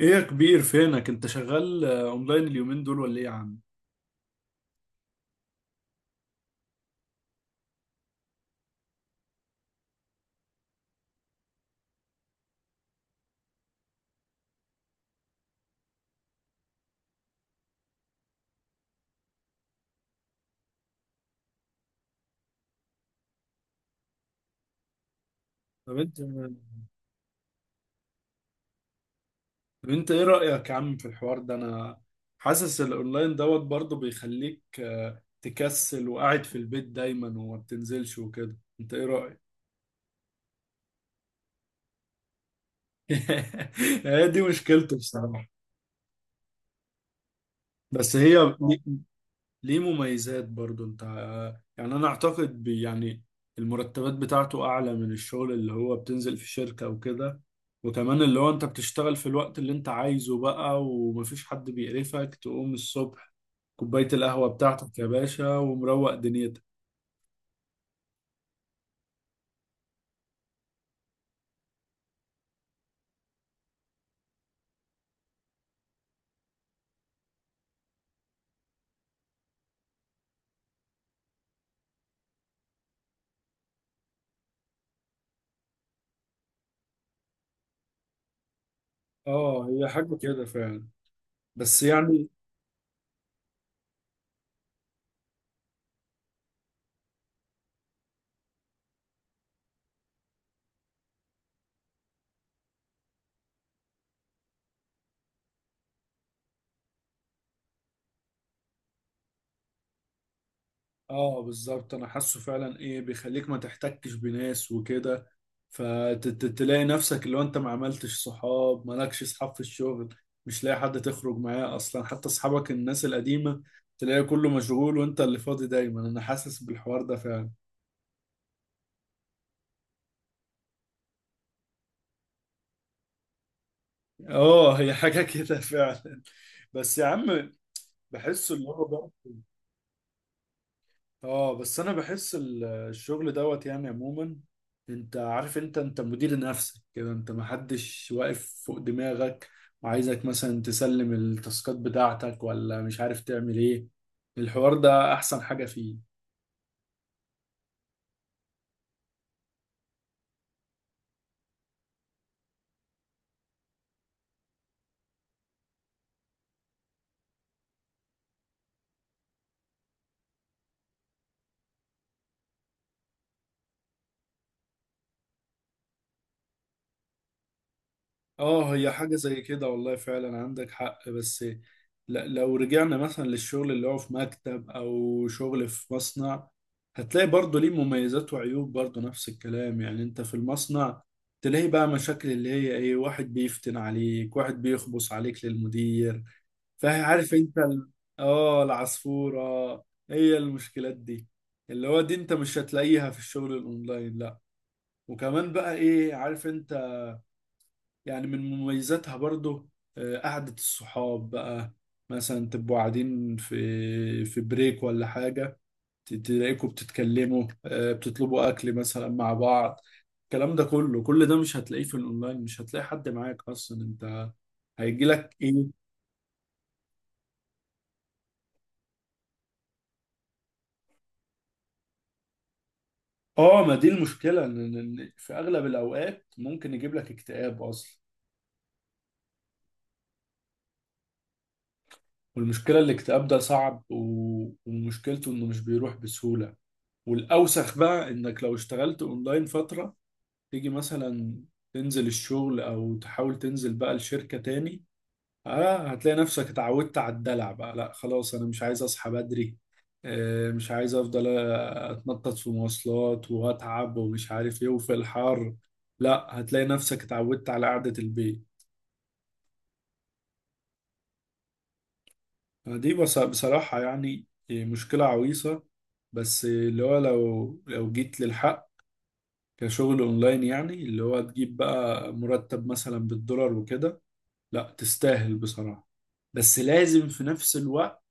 ايه يا كبير، فينك انت؟ شغال اونلاين اليومين دول ولا ايه يا عم؟ طب انت طب انت ايه رأيك يا عم في الحوار ده؟ انا حاسس الاونلاين دوت برضه بيخليك تكسل وقاعد في البيت دايما وما بتنزلش وكده. انت ايه رأيك؟ هي دي مشكلته بصراحة. بس هي ليه مميزات برضو. انت يعني، انا اعتقد بي يعني المرتبات بتاعته اعلى من الشغل اللي هو بتنزل في شركة وكده. وكمان اللي هو انت بتشتغل في الوقت اللي انت عايزه بقى، ومفيش حد بيقرفك تقوم الصبح. كوباية القهوة بتاعتك يا باشا ومروق دنيتك. اه هي حاجة كده فعلا. بس يعني، اه بالظبط انا حاسه فعلا. ايه بيخليك ما تحتكش بناس وكده، فتلاقي نفسك لو انت ما عملتش صحاب، مالكش صحاب في الشغل، مش لاقي حد تخرج معاه اصلا. حتى اصحابك الناس القديمة تلاقي كله مشغول وانت اللي فاضي دايما. انا حاسس بالحوار ده فعلا. اه هي حاجة كده فعلا. بس يا عم بحسه اللي هو برضه، اه بس انا بحس الشغل دوت يعني عموما، انت عارف، انت مدير نفسك كده، انت محدش واقف فوق دماغك وعايزك مثلا تسلم التاسكات بتاعتك ولا مش عارف تعمل ايه. الحوار ده احسن حاجة فيه. اه هي حاجة زي كده، والله فعلا عندك حق. بس لو رجعنا مثلا للشغل اللي هو في مكتب او شغل في مصنع، هتلاقي برضه ليه مميزات وعيوب، برضه نفس الكلام. يعني انت في المصنع تلاقي بقى مشاكل اللي هي ايه، واحد بيفتن عليك، واحد بيخبص عليك للمدير. فعارف انت اه، العصفورة. هي المشكلات دي اللي هو دي انت مش هتلاقيها في الشغل الاونلاين، لا. وكمان بقى ايه، عارف انت، يعني من مميزاتها برضو، قعدة الصحاب بقى. مثلا تبقوا قاعدين في بريك ولا حاجة، تلاقيكوا بتتكلموا، بتطلبوا أكل مثلا مع بعض. الكلام ده كله، كل ده مش هتلاقيه في الأونلاين. مش هتلاقي حد معاك أصلا. أنت هيجيلك إيه؟ آه، ما دي المشكلة، إن في أغلب الأوقات ممكن يجيب لك اكتئاب أصلا. والمشكلة الاكتئاب ده صعب، ومشكلته إنه مش بيروح بسهولة. والأوسخ بقى إنك لو اشتغلت أونلاين فترة، تيجي مثلا تنزل الشغل او تحاول تنزل بقى الشركة تاني، اه هتلاقي نفسك اتعودت على الدلع بقى. لا خلاص، انا مش عايز اصحى بدري، مش عايز افضل اتنطط في مواصلات واتعب ومش عارف ايه وفي الحر. لا، هتلاقي نفسك اتعودت على قعدة البيت. دي بصراحة يعني مشكلة عويصة. بس اللي هو لو جيت للحق، كشغل اونلاين يعني، اللي هو تجيب بقى مرتب مثلا بالدولار وكده، لا تستاهل بصراحة. بس لازم في نفس الوقت،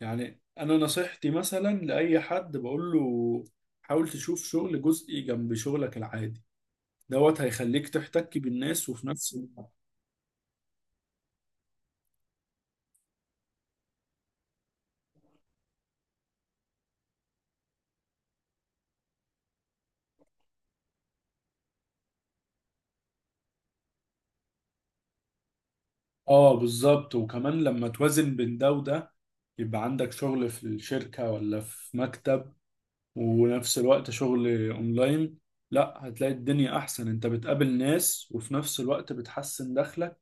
يعني أنا نصيحتي مثلا لأي حد بقول له حاول تشوف شغل جزئي جنب شغلك العادي. دوت هيخليك تحتك بالناس وفي نفس الوقت، اه بالظبط. وكمان لما توازن بين ده وده، يبقى عندك شغل في الشركة ولا في مكتب، ونفس الوقت شغل اونلاين، لا هتلاقي الدنيا احسن. انت بتقابل ناس، وفي نفس الوقت بتحسن دخلك،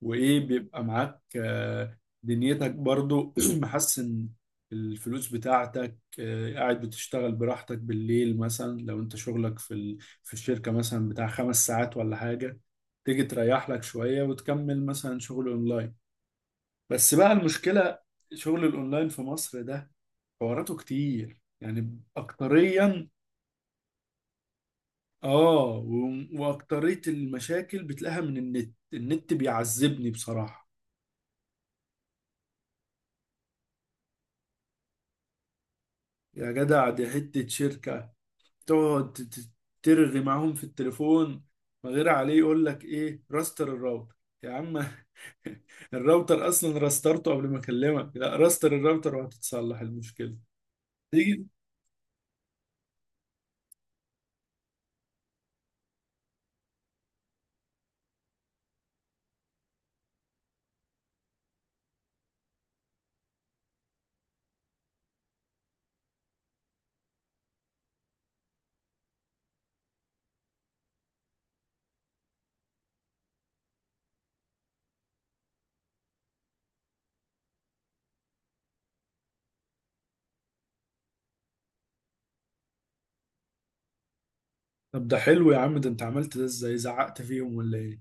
وايه بيبقى معاك دنيتك برضو محسن الفلوس بتاعتك. قاعد بتشتغل براحتك بالليل، مثلا لو انت شغلك في الشركة مثلا بتاع 5 ساعات ولا حاجة، تيجي تريح لك شوية وتكمل مثلا شغل اونلاين. بس بقى المشكلة، شغل الاونلاين في مصر ده حواراته كتير يعني، اكتريا اه و... واكترية المشاكل بتلاقيها من النت. النت بيعذبني بصراحة. يا جدع دي حتة شركة، تقعد ترغي معاهم في التليفون من غير عليه، يقول لك ايه، راستر الراوتر. يا عم الراوتر اصلا راسترته قبل ما اكلمك. لا راستر الراوتر وهتتصلح المشكله. تيجي طب ده حلو يا عم، ده انت عملت ده ازاي؟ زعقت فيهم ولا ايه؟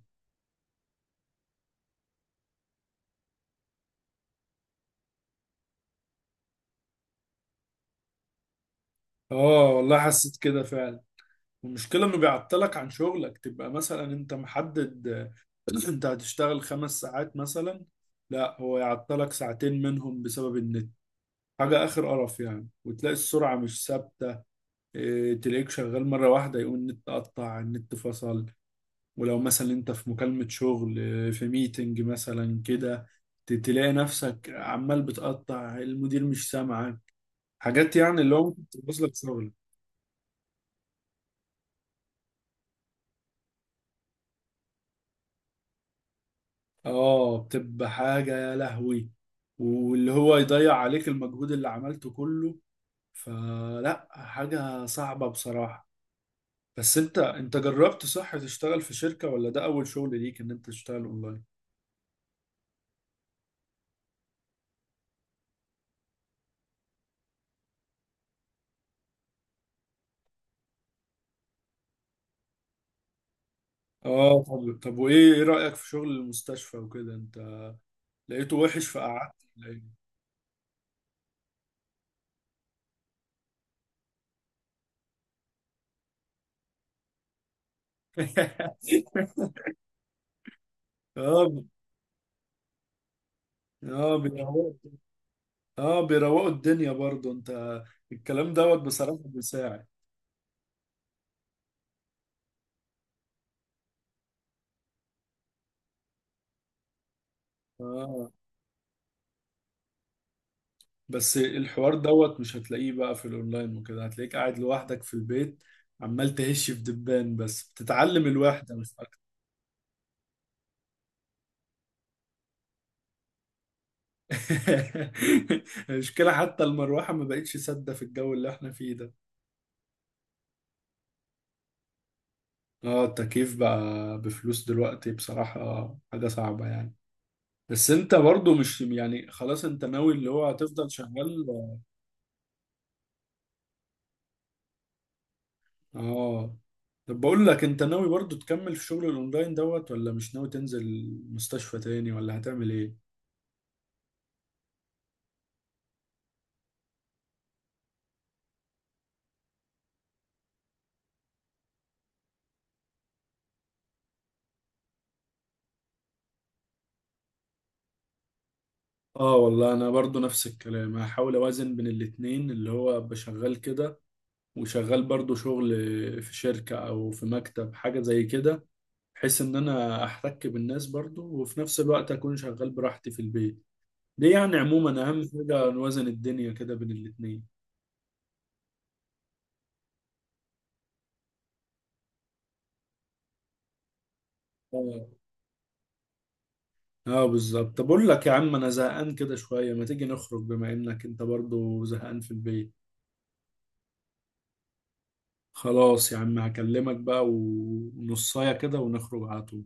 اه والله حسيت كده فعلا. المشكله انه بيعطلك عن شغلك، تبقى مثلا انت محدد انت هتشتغل 5 ساعات مثلا، لا هو يعطلك ساعتين منهم بسبب النت. حاجه اخر قرف يعني، وتلاقي السرعه مش ثابته. إيه، تلاقيك شغال مرة واحدة يقول النت قطع، النت فصل، ولو مثلا انت في مكالمة شغل إيه، في ميتنج مثلا كده، تلاقي نفسك عمال بتقطع، المدير مش سامعك. حاجات يعني اللي هو ممكن تبوظ لك شغل. اه بتبقى حاجة يا لهوي، واللي هو يضيع عليك المجهود اللي عملته كله. فلا، حاجة صعبة بصراحة. بس انت جربت صح تشتغل في شركة، ولا ده اول شغل ليك ان انت تشتغل اونلاين؟ اه طب وايه، ايه رأيك في شغل المستشفى وكده؟ انت لقيته وحش فقعدت ولا إيه؟ اه. اه بيروقوا. اه بيروقوا الدنيا برضه. انت الكلام دوت بصراحة بيساعد. اه بس الحوار دوت مش هتلاقيه بقى في الاونلاين وكده، هتلاقيك قاعد لوحدك في البيت، عمال تهش في دبان. بس بتتعلم الوحدة مش اكتر. المشكلة حتى المروحة ما بقتش سادة في الجو اللي احنا فيه ده. اه التكييف بقى بفلوس دلوقتي، بصراحة حاجة صعبة يعني. بس انت برضو مش يعني، خلاص انت ناوي اللي هو هتفضل شغال. اه طب بقول لك، انت ناوي برضو تكمل في شغل الاونلاين دوت، ولا مش ناوي تنزل مستشفى تاني، ولا هتعمل ايه؟ اه والله انا برضو نفس الكلام، هحاول اوازن بين الاتنين، اللي هو بشغال كده وشغال برضو شغل في شركة او في مكتب حاجة زي كده، بحيث ان انا احتك بالناس برضو، وفي نفس الوقت اكون شغال براحتي في البيت. دي يعني عموما اهم حاجه، نوازن الدنيا كده بين الاثنين. اه، اه بالظبط. طب اقول لك يا عم، انا زهقان كده شويه، ما تيجي نخرج بما انك انت برضو زهقان في البيت؟ خلاص يا عم، هكلمك بقى ونصايه كده ونخرج على طول.